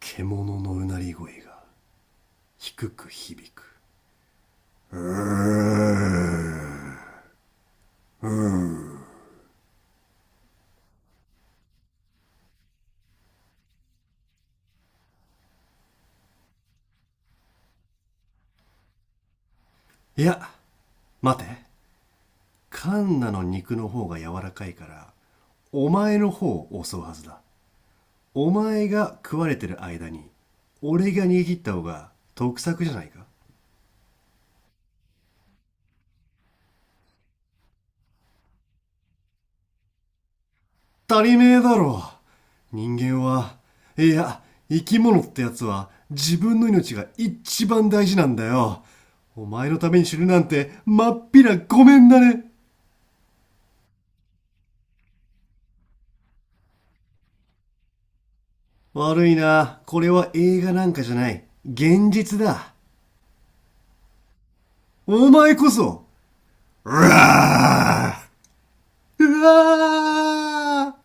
獣のうなり声が低く響く。いや、待て。カンナの肉の方が柔らかいからお前の方を襲うはずだ。お前が食われてる間に俺が逃げ切った方が得策じゃないか。足りねえだろ、人間は。いや、生き物ってやつは自分の命が一番大事なんだよ。お前のために死ぬなんてまっぴらごめんだね。悪いな。これは映画なんかじゃない。現実だ。お前こそ。うわあ、うわあ。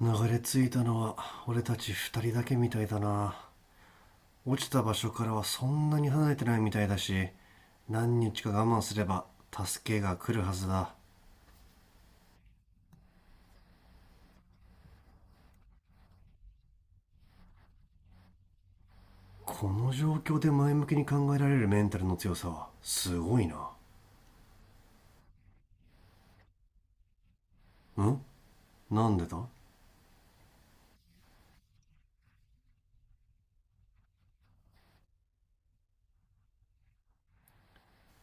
流れ着いたのは俺たち二人だけみたいだな。落ちた場所からはそんなに離れてないみたいだし、何日か我慢すれば助けが来るはずだ。この状況で前向きに考えられるメンタルの強さはすごいな。ん？なんでだ？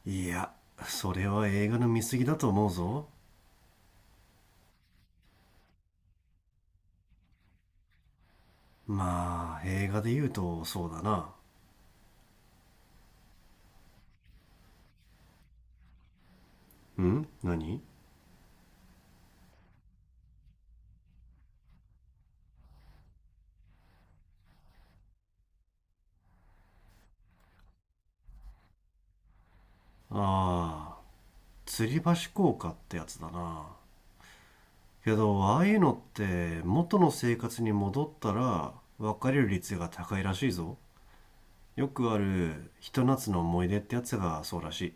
いや、それは映画の見過ぎだと思うぞ。まあ映画で言うとそうだな。うん、何？ああ、吊り橋効果ってやつだな。けどああいうのって元の生活に戻ったら別れる率が高いらしいぞ。よくあるひと夏の思い出ってやつがそうらしい。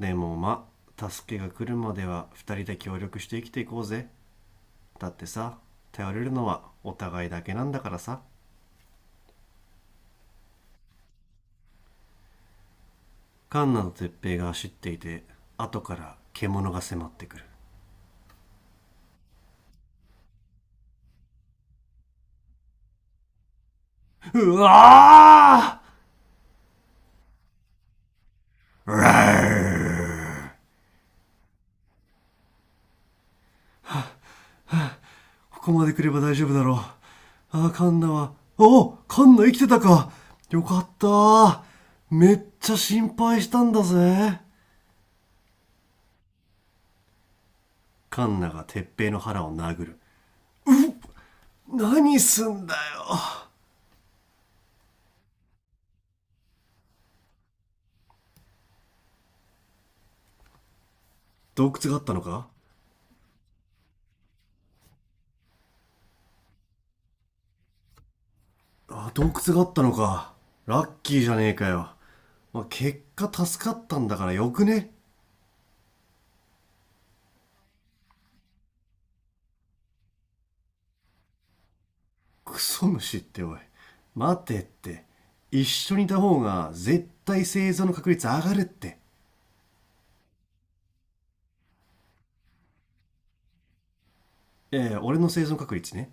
でもまあ助けが来るまでは2人で協力して生きていこうぜ。だってさ、頼れるのはお互いだけなんだからさ。カンナと鉄平が走っていて後から獣が迫ってくる。うわー、うわー。ここまで来れば大丈夫だろう。あー、カンナは、おー、カンナ、生きてたか。よかったー。めっちゃ心配したんだぜ。カンナが鉄平の腹を殴る。何すんだよ。洞窟があったのか。あ、洞窟があったのか。ラッキーじゃねえかよ。まあ、結果助かったんだからよくね？クソ虫っておい。待てって。一緒にいた方が絶対生存の確率上がるって。ええ、俺の生存確率ね？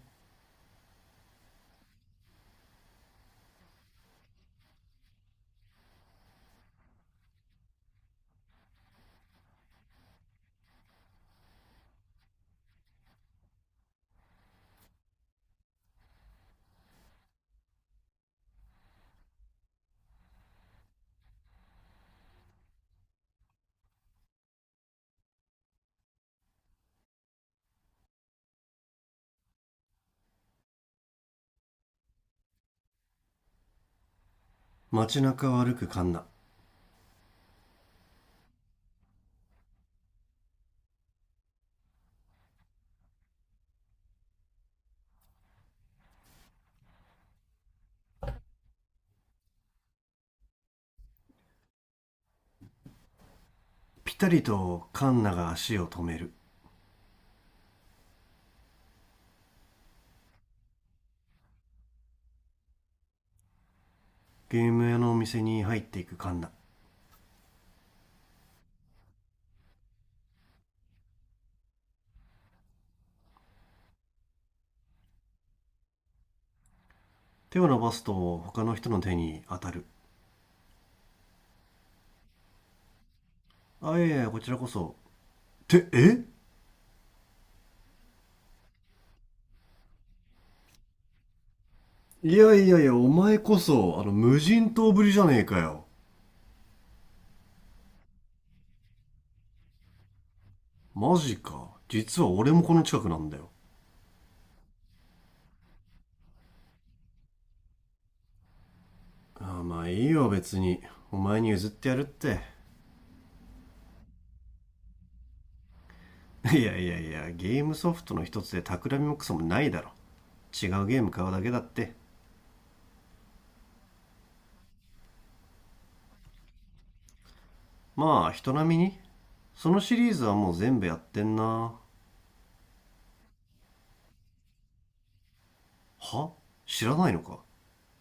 街中を歩くカンナ。ピタリとカンナが足を止める。ゲーム屋のお店に入っていくカンナ。手を伸ばすと他の人の手に当たる。あ、いやいや、こちらこそ。ってえ。いやいやいや、お前こそ、あの無人島ぶりじゃねえかよ。マジか、実は俺もこの近くなんだよ。ああ、まあいいよ別に。お前に譲ってやるって。いやいやいや、ゲームソフトの一つで企みもクソもないだろ。違うゲーム買うだけだって。まあ人並みに。そのシリーズはもう全部やってんな。は？知らないのか。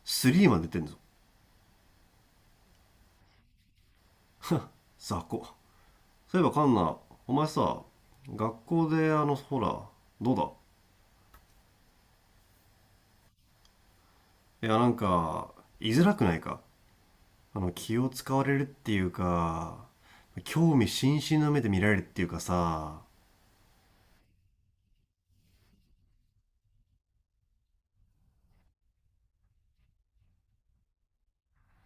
3まで出てんぞ。雑魚。そういえばカンナ、お前さ、学校であのほら、どうだ？いや、なんか居づらくないか？あの気を使われるっていうか、興味津々の目で見られるっていうかさ。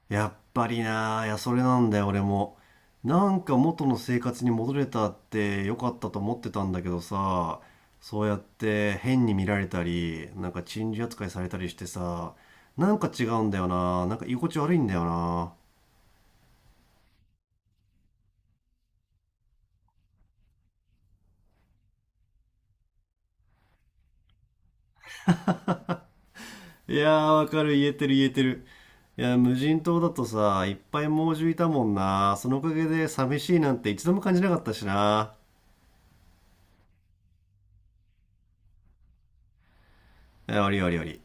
やっぱりなあ、いや、それなんだよ、俺も。なんか元の生活に戻れたって良かったと思ってたんだけどさ、そうやって変に見られたり、なんか珍事扱いされたりしてさ、なんか違うんだよな、なんか居心地悪いんだよな。いやー、わかる、言えてる、言えてる。いや、無人島だとさ、いっぱい猛獣いたもんな。そのおかげで寂しいなんて一度も感じなかったしな。いや、ありありあり。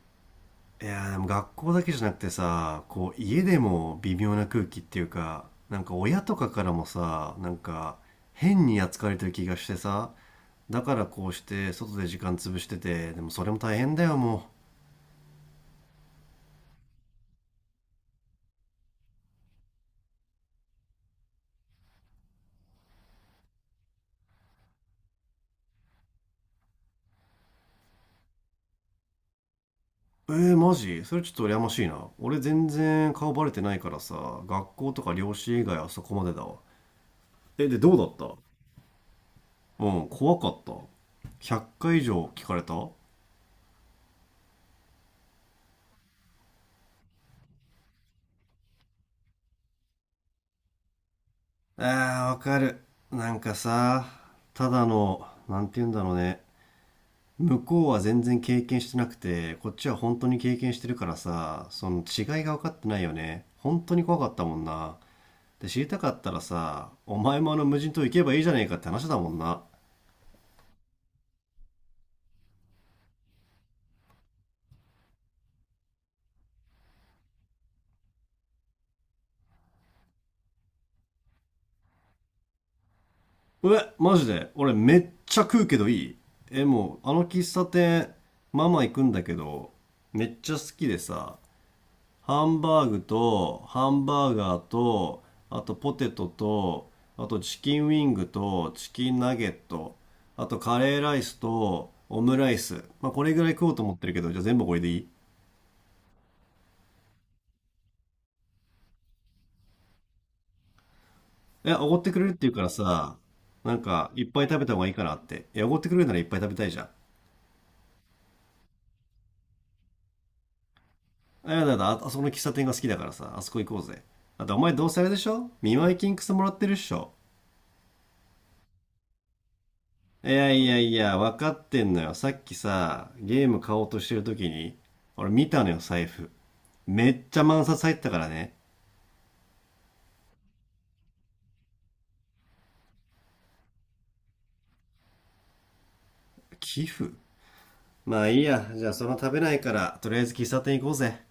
いやーでも学校だけじゃなくてさ、こう家でも微妙な空気っていうか、なんか親とかからもさ、なんか変に扱われてる気がしてさ、だからこうして外で時間潰してて、でもそれも大変だよも。うえー、マジそれちょっと羨ましいな。俺全然顔バレてないからさ、学校とか両親以外はそこまでだわ。え、でどうだった？うん、怖かった？100回以上聞かれたあー、わかる。なんかさ、ただの、なんて言うんだろうね、向こうは全然経験してなくて、こっちは本当に経験してるからさ、その違いが分かってないよね。本当に怖かったもんな。で、知りたかったらさ、お前もあの無人島行けばいいじゃねえかって話だもんな。え、マジで俺めっちゃ食うけどいい？え、もう、あの喫茶店、ママ行くんだけど、めっちゃ好きでさ、ハンバーグと、ハンバーガーと、あとポテトと、あとチキンウィングと、チキンナゲット、あとカレーライスと、オムライス。まあ、これぐらい食おうと思ってるけど、じゃあ全部これでいい？え、おごってくれるって言うからさ、なんか、いっぱい食べた方がいいかなって。いや、おごってくれるならいっぱい食べたいじゃん。あ、やだやだ、あ、あそこの喫茶店が好きだからさ、あそこ行こうぜ。あとお前どうせあれでしょ、見舞い金くそもらってるっしょ。いやいやいや、分かってんのよ。さっきさ、ゲーム買おうとしてる時に、俺見たのよ、財布。めっちゃ万札入ってたからね。寄付。まあいいや、じゃあその食べないから、とりあえず喫茶店行こうぜ。